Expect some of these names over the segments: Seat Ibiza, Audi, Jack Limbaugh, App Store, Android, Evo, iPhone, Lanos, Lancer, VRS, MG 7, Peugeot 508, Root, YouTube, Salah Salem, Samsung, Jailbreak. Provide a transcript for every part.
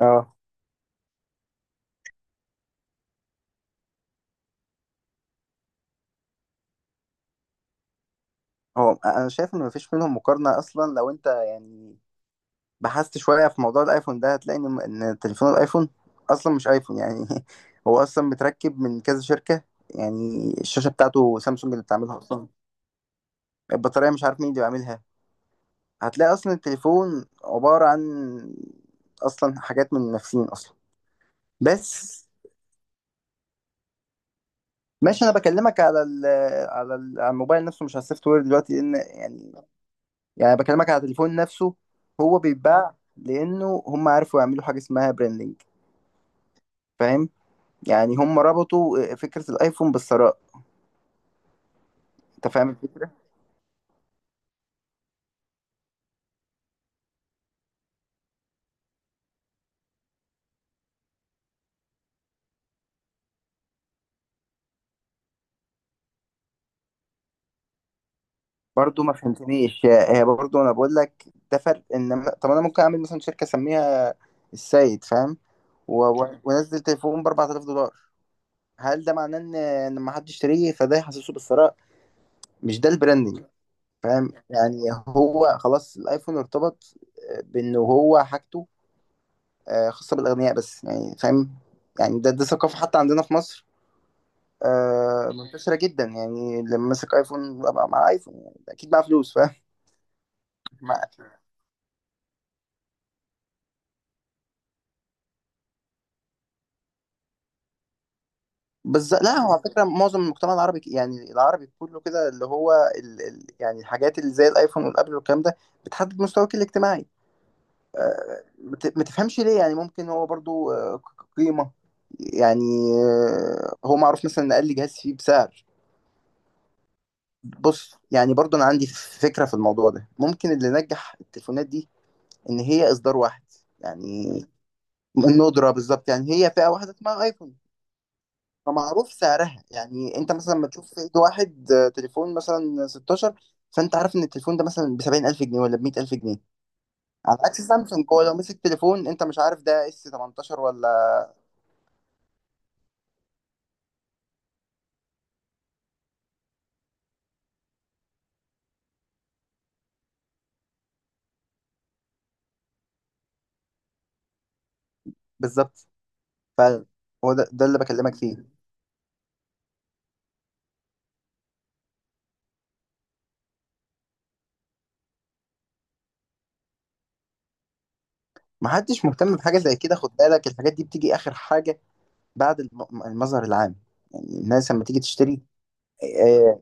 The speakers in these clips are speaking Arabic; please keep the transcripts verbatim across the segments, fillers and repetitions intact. اه، هو انا شايف ان مفيش منهم مقارنه اصلا. لو انت يعني بحثت شويه في موضوع الايفون ده، هتلاقي ان إن تليفون الايفون اصلا مش ايفون يعني. هو اصلا متركب من كذا شركه، يعني الشاشه بتاعته سامسونج اللي بتعملها اصلا. البطاريه مش عارف مين اللي بيعملها. هتلاقي اصلا التليفون عباره عن اصلا حاجات من نفسين اصلا بس. ماشي، انا بكلمك على ال على ال- على الموبايل نفسه، مش على السوفت وير دلوقتي، لان يعني، يعني بكلمك على التليفون نفسه. هو بيتباع لانه هم عرفوا يعملوا حاجه اسمها براندنج، فاهم؟ يعني هم ربطوا آه، فكره الايفون بالثراء. انت فاهم الفكره؟ برضو ما فهمتنيش. آه، هي برضو انا بقول لك ده فرق. ان طب انا ممكن اعمل مثلا شركه اسميها السيد فاهم، و... و... وانزل تليفون ب اربعة الاف دولار. هل ده معناه ان ان ما حدش يشتريه، فده يحسسه بالثراء؟ مش ده البراندنج؟ فاهم يعني. هو خلاص الايفون ارتبط آه، بانه هو حاجته آه، خاصة بالأغنياء بس، يعني فاهم. يعني ده ده ثقافة، حتى عندنا في مصر آه، منتشرة جدا. يعني لما ماسك أيفون ببقى مع أيفون، يعني أكيد معاه فلوس، فاهم. مع- بس لا، هو على فكرة معظم المجتمع العربي، ك- يعني العربي كله كده، اللي هو ال ال يعني الحاجات اللي زي الأيفون والأبل والكلام ده بتحدد مستواك الاجتماعي. آه، ما ت- ما تفهمش ليه، يعني ممكن هو برضو آه، ق- قيمة. يعني آه، هو معروف مثلا إن أقل جهاز فيه بسعر. بص، يعني برضو انا عندي فكره في الموضوع ده. ممكن اللي نجح التليفونات دي ان هي اصدار واحد يعني. الندره بالظبط، يعني هي فئه واحده اسمها ايفون. فمعروف سعرها، يعني انت مثلا لما تشوف في ايد واحد آه، تليفون مثلا ستاشر، فانت عارف ان التليفون ده مثلا ب سبعين الف جنيه ولا ب ميت الف جنيه. على عكس سامسونج، هو لو مسك تليفون، انت مش عارف ده اس تمنتاشر ولا. بالظبط، ف هو ده, ده اللي بكلمك فيه. محدش مهتم بحاجه زي كده. خد بالك، الحاجات دي بتيجي اخر حاجه بعد الم- المظهر العام، يعني الناس لما تيجي تشتري. آه،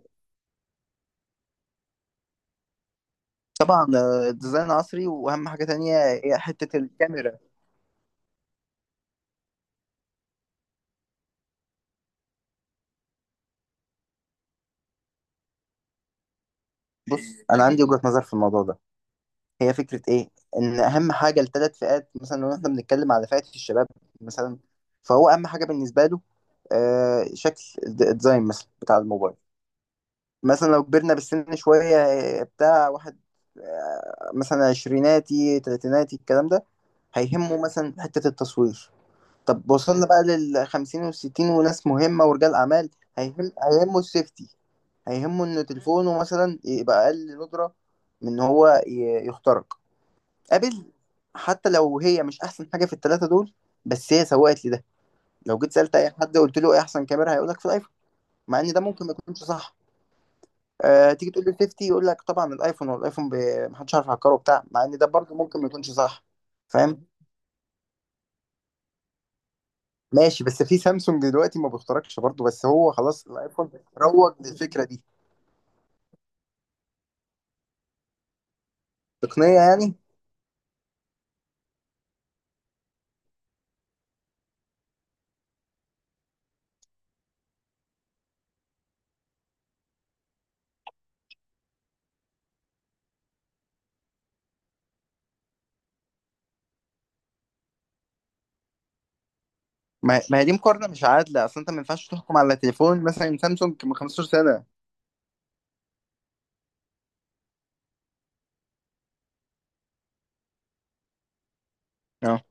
طبعا، آه، ديزاين عصري. واهم حاجه تانية هي حته الكاميرا. بص، انا عندي وجهه نظر في الموضوع ده. هي فكره ايه؟ ان اهم حاجه لثلاث فئات. مثلا لو احنا بنتكلم على فئه الشباب مثلا، فهو اهم حاجه بالنسبه له آه، شكل الد- الديزاين مثلا بتاع الموبايل. مثلا لو كبرنا بالسن شويه آه، بتاع واحد، آه، مثلا عشريناتي تلاتيناتي الكلام ده، هيهمه مثلا حته التصوير. طب وصلنا بقى للخمسين والستين وناس مهمة ورجال أعمال. هيهم هيهمه السيفتي. هيهمه إن تليفونه مثلا يبقى أقل ندرة من إن هو ي- يخترق قابل. حتى لو هي مش أحسن حاجة في التلاتة دول، بس هي سوقت لي ده. لو جيت سألت أي حد قلت له إيه أحسن كاميرا هيقولك في الآيفون، مع إن ده ممكن ما يكونش صح. أه، تيجي تقول لي السيفتي يقول لك طبعا الآيفون، والآيفون ب- محدش عارف يهكره وبتاع، مع إن ده برضه ممكن ما يكونش صح. فاهم؟ ماشي، بس في سامسونج دلوقتي ما بيخترقش برضه، بس هو خلاص الايفون روج للفكره دي. تقنيه يعني. ما ما هي دي مقارنه مش عادله اصلا. انت ما ينفعش تحكم على تليفون مثلا سامسونج من خمسة عشر سنه. اه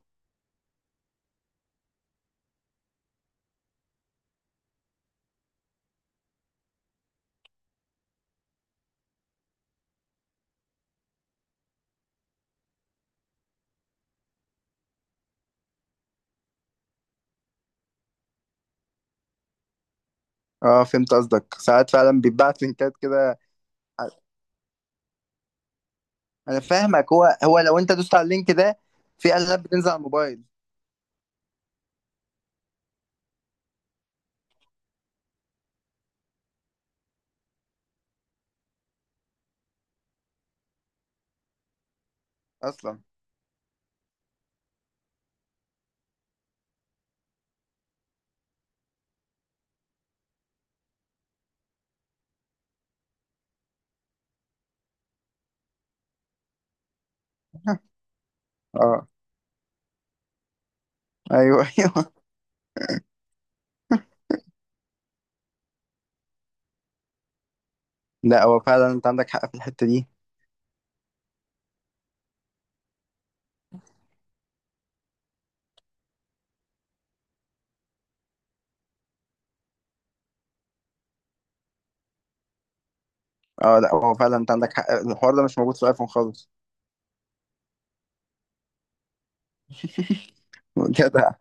اه، فهمت قصدك. ساعات فعلا بيتبعت لينكات كده. انا فاهمك. هو هو لو انت دوست على اللينك ده، في العاب بتنزل على الموبايل اصلا. اه ايوه ايوه. لا، هو فعلا انت عندك حق في الحته دي. اه لا، هو فعلا انت عندك حق. الحوار ده مش موجود في الايفون خالص. جدع.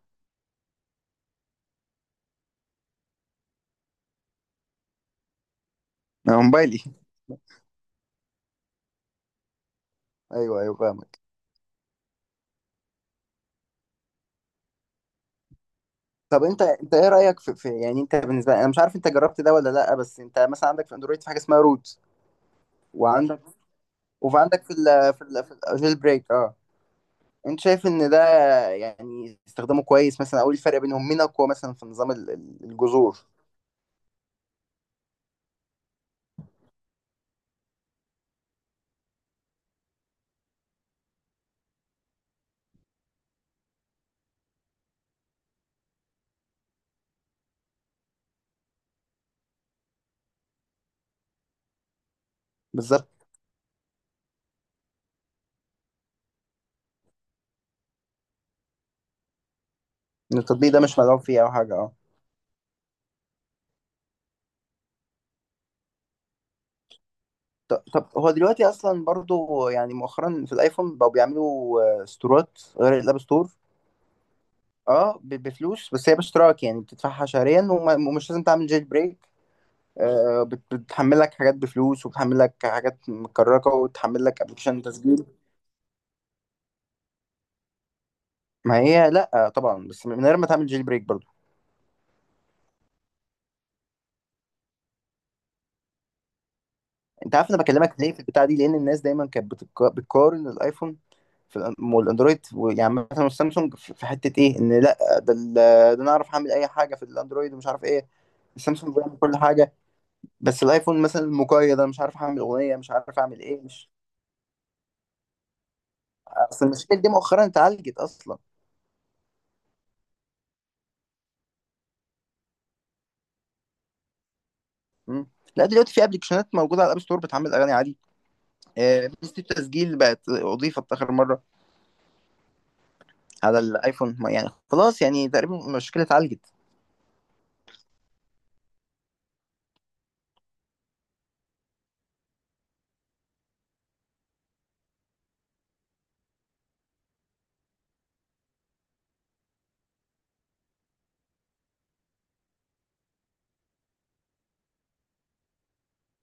أنا موبايلي. ايوه ايوه فاهم. طب انت انت ايه رايك في, في يعني. انت بالنسبه لي، انا مش عارف انت جربت ده ولا لا، بس انت مثلا عندك في اندرويد في حاجه اسمها روت، وعندك وفي عندك في ال في ال في الجيل بريك اه. انت شايف ان ده يعني استخدامه كويس مثلا؟ او ايه الفرق بينهم، مين اقوى مثلا في نظام ال- ال- الجذور؟ بالظبط، ان التطبيق ده مش مدعوم فيه او حاجه اه. ط- طب هو دلوقتي اصلا برضو يعني مؤخرا في الايفون بقوا بيعملوا آه، ستورات غير الاب ستور. اه، ب- بفلوس، بس هي باشتراك يعني بتدفعها شهريا، وما- ومش لازم تعمل جيل بريك. آه، بت- بتحمل لك حاجات بفلوس، وبتحمل لك حاجات مكركه، وبتحمل لك ابلكيشن تسجيل. ما هي لا، آه، طبعا، بس من غير ما تعمل جيل بريك برضو. انت عارف انا بكلمك ليه في البتاع دي؟ لان الناس دايما كانت بتك- بتقارن الايفون في الأن- والاندرويد. يعني مثلا السامسونج في في حته ايه، ان لا ده ال- ده انا اعرف اعمل اي حاجه في الاندرويد ومش عارف ايه. السامسونج بيعمل كل حاجه، بس الايفون مثلا مقيد، انا مش عارف اعمل اغنيه، مش عارف اعمل ايه، مش. اصل المشكله دي مؤخرا اتعالجت اصلا. مم. لا دلوقتي في ابلكيشنات موجوده على الاب ستور بتعمل اغاني عادي. آه، ميزه التسجيل بقت اضيفت اخر مره على الايفون. ما- يعني خلاص، يعني تقريبا المشكله اتعالجت.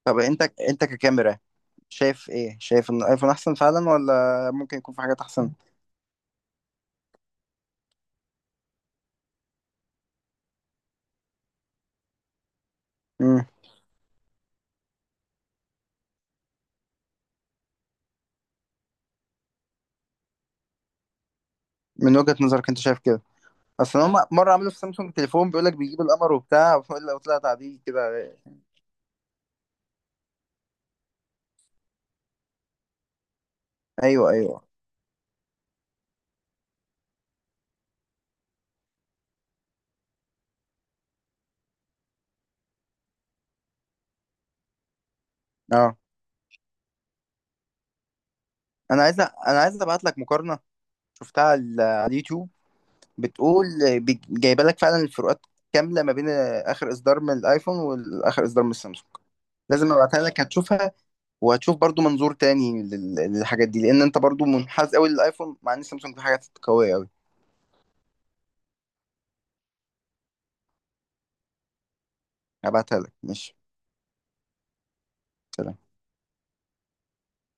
طب انت انت ككاميرا شايف ايه؟ شايف ان الايفون احسن فعلا، ولا ممكن يكون في حاجات احسن؟ مم. من وجهه نظرك انت شايف كده. اصل هم مره عملوا في سامسونج تليفون بيقول لك بيجيب القمر وبتاع، ولا طلع تعديل كده. ايوه ايوه اه. انا عايز انا عايز ابعت لك مقارنه شفتها على على اليوتيوب بتقول بي- جايبه لك فعلا الفروقات كامله ما بين اخر اصدار من الايفون واخر اصدار من السامسونج. لازم ابعتها لك، هتشوفها وهتشوف برضو منظور تاني لل- للحاجات دي، لان انت برضو منحاز قوي للايفون، مع ان سامسونج في حاجات قوية قوي. هبعتها لك ماشي، سلام.